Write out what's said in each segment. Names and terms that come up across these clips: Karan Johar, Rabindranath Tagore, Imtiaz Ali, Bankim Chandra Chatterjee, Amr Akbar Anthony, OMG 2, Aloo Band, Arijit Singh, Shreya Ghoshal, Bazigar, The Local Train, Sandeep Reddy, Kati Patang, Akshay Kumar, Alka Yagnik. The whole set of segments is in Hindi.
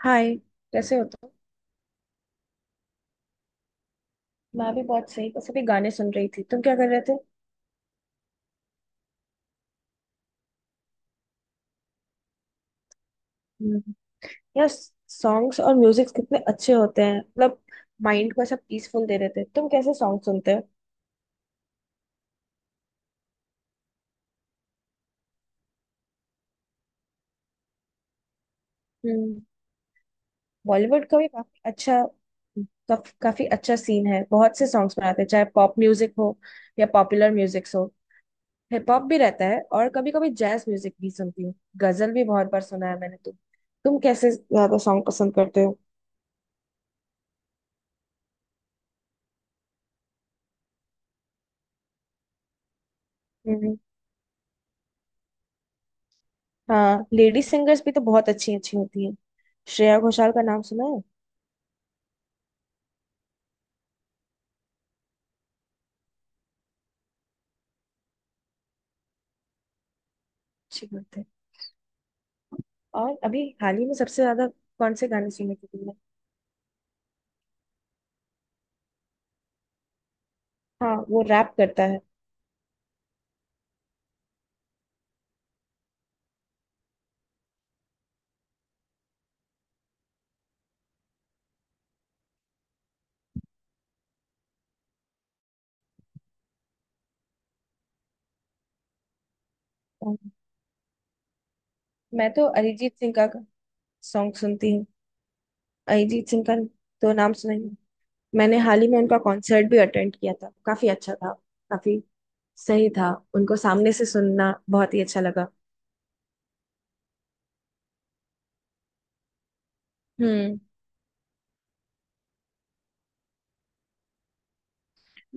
हाय। कैसे हो तुम? मैं भी बहुत सही। बस अभी गाने सुन रही थी। तुम क्या कर रहे थे? हम्म। यार, सॉन्ग्स और म्यूजिक कितने अच्छे होते हैं, मतलब माइंड को ऐसा पीसफुल दे देते हैं। तुम कैसे सॉन्ग सुनते हो? हम्म। बॉलीवुड का भी काफी अच्छा सीन है। बहुत से सॉन्ग्स बनाते हैं, चाहे पॉप म्यूजिक हो या पॉपुलर म्यूजिक हो। हिप हॉप भी रहता है, और कभी कभी जैज म्यूजिक भी सुनती हूँ। गजल भी बहुत बार सुना है मैंने। तुम कैसे ज्यादा सॉन्ग पसंद करते हो? हाँ, लेडी सिंगर्स भी तो बहुत अच्छी अच्छी होती है। श्रेया घोषाल का नाम सुना है? अच्छी बात है। और अभी हाल ही में सबसे ज्यादा कौन से गाने सुने थे तुमने? हाँ, वो रैप करता है। और मैं तो अरिजीत सिंह का सॉन्ग सुनती हूँ। अरिजीत सिंह का तो नाम सुना ही है। मैंने हाल ही में उनका कॉन्सर्ट भी अटेंड किया था। काफी अच्छा था। काफी सही था। उनको सामने से सुनना बहुत ही अच्छा लगा। हम्म।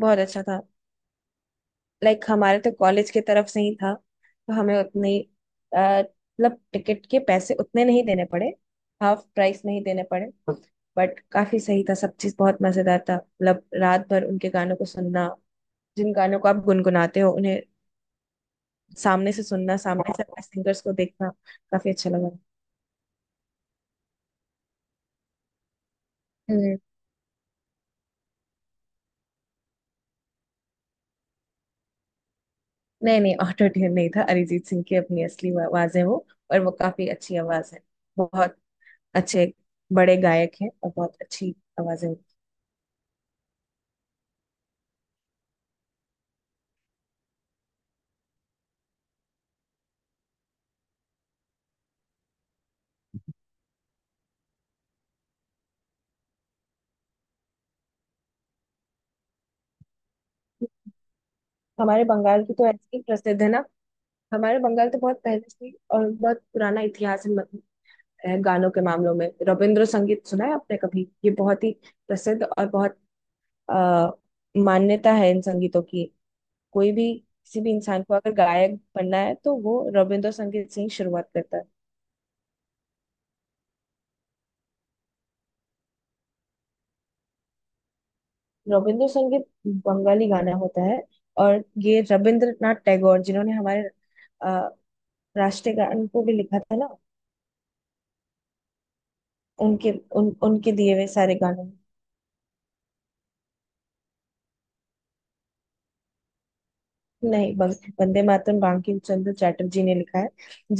बहुत अच्छा था। लाइक हमारे तो कॉलेज की तरफ से ही था, तो हमें उतने ही, मतलब टिकट के पैसे उतने नहीं देने पड़े। हाफ प्राइस नहीं देने पड़े। बट काफी सही था, सब चीज बहुत मजेदार था। मतलब रात भर उनके गानों को सुनना, जिन गानों को आप गुनगुनाते हो उन्हें सामने से सुनना, सामने से अपने सिंगर्स को देखना, काफी अच्छा लगा। हम्म। नहीं नहीं, ऑटो ट्यून नहीं था। अरिजीत सिंह की अपनी असली आवाज है वो, और वो काफी अच्छी आवाज है। बहुत अच्छे बड़े गायक हैं और बहुत अच्छी आवाजें हैं। हमारे बंगाल की तो ऐसी प्रसिद्ध है ना। हमारे बंगाल तो बहुत पहले से ही और बहुत पुराना इतिहास है है गानों के मामलों में। रविंद्र संगीत सुना है आपने कभी? ये बहुत ही प्रसिद्ध और बहुत आ, मान्यता है इन संगीतों की। कोई भी, किसी भी इंसान को अगर गायक बनना है तो वो रविंद्र संगीत से ही शुरुआत करता है। रविंद्र संगीत बंगाली गाना होता है। और ये रविंद्रनाथ टैगोर, जिन्होंरीय हमारे अ, राष्ट्रीय गान को भी लिखा था ना। उनके दिए हुए सारे गाने। नहीं, वंदे मातरम बंकिम चंद्र चटर्जी ने लिखा है।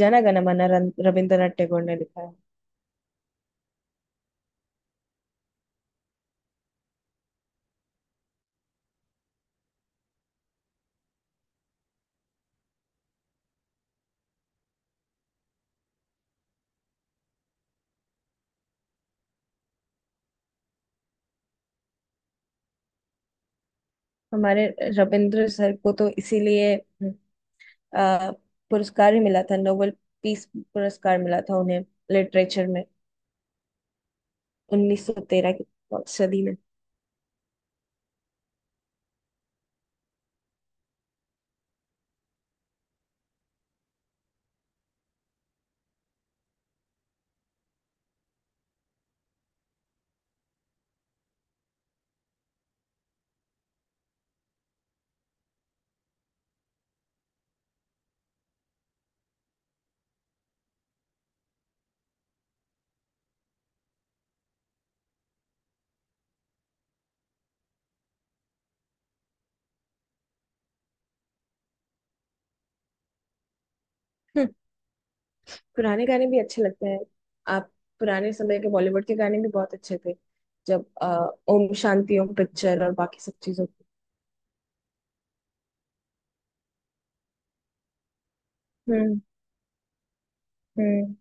जन गण मन रविंद्रनाथ टैगोर ने लिखा है। हमारे रविंद्र सर को तो इसीलिए अ, पुरस्कार ही मिला था। नोबेल पीस पुरस्कार मिला था उन्हें, लिटरेचर में, 1913 की सदी में। हम्म। पुराने गाने भी अच्छे लगते हैं। आप पुराने समय के बॉलीवुड के गाने भी बहुत अच्छे थे। जब ओम शांति ओम पिक्चर और बाकी सब चीजों की। हम्म हम्म,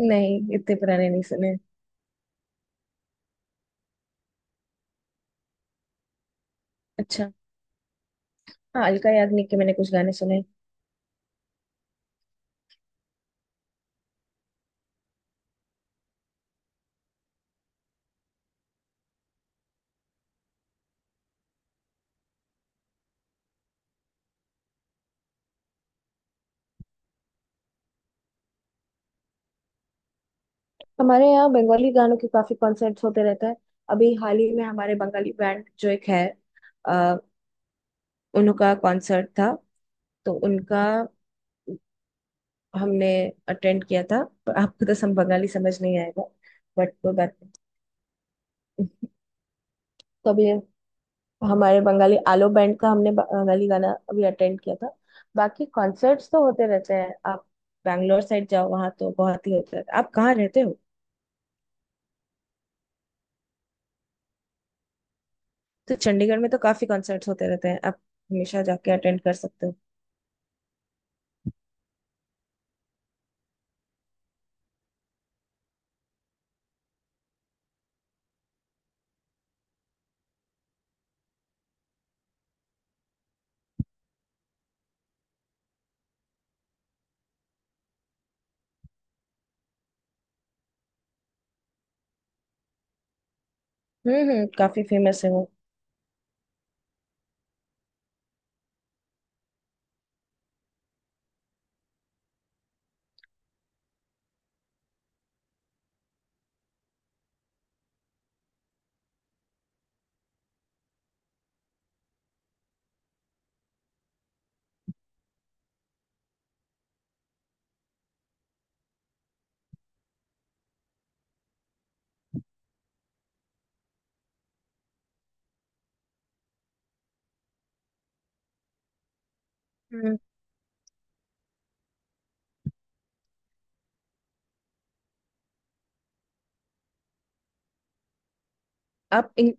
नहीं, इतने पुराने नहीं सुने। अच्छा। हाँ, अलका याग्निक के मैंने कुछ गाने सुने। हमारे यहाँ बंगाली गानों के काफी कॉन्सर्ट्स होते रहते हैं। अभी हाल ही में हमारे बंगाली बैंड जो एक है, अ, उनका कॉन्सर्ट था। तो उनका हमने अटेंड किया था, पर आपको तो सब बंगाली समझ नहीं आएगा। बट कोई बात नहीं। तो अभी हमारे बंगाली आलो बैंड का हमने बंगाली गाना अभी अटेंड किया था। बाकी कॉन्सर्ट्स तो होते रहते हैं। आप बैंगलोर साइड जाओ, वहाँ तो बहुत ही होता है। आप कहाँ रहते हो? तो चंडीगढ़ में तो काफी कॉन्सर्ट्स होते रहते हैं, आप हमेशा जाके अटेंड कर सकते हो। हम्म, काफी फेमस है वो। हम्म। आप इन...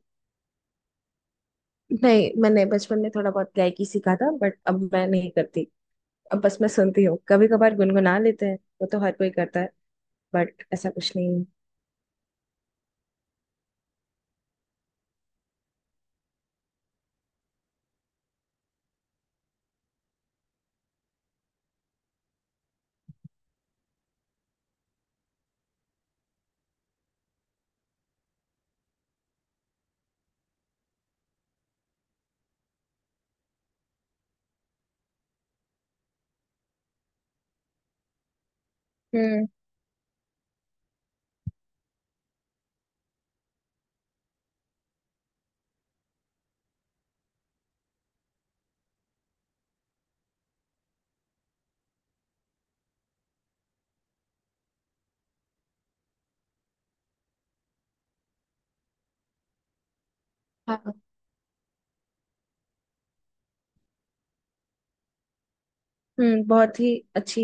नहीं, मैंने बचपन में थोड़ा बहुत गायकी सीखा था। बट अब मैं नहीं करती। अब बस मैं सुनती हूँ, कभी कभार गुनगुना लेते हैं। वो तो हर कोई करता है, बट ऐसा कुछ नहीं है। हम्म। हाँ। बहुत ही अच्छी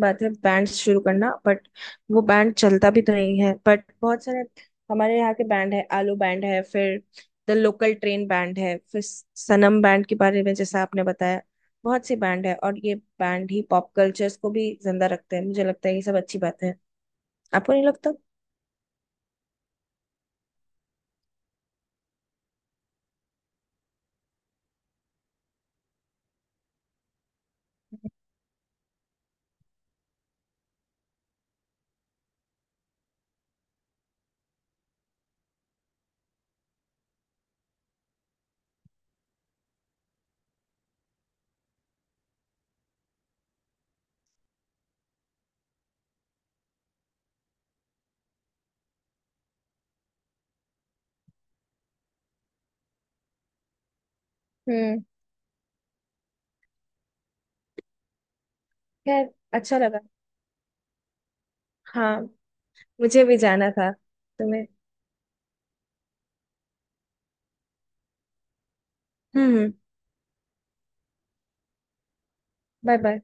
बात है बैंड शुरू करना, बट वो बैंड चलता भी तो नहीं है। बट बहुत सारे हमारे यहाँ के बैंड है, आलू बैंड है, फिर द लोकल ट्रेन बैंड है, फिर सनम बैंड के बारे में जैसा आपने बताया, बहुत से बैंड है। और ये बैंड ही पॉप कल्चर्स को भी जिंदा रखते हैं, मुझे लगता है। ये सब अच्छी बात है, आपको नहीं लगता? हम्म। खैर, अच्छा लगा। हाँ, मुझे भी जाना था। तुम्हें। हम्म बाय बाय।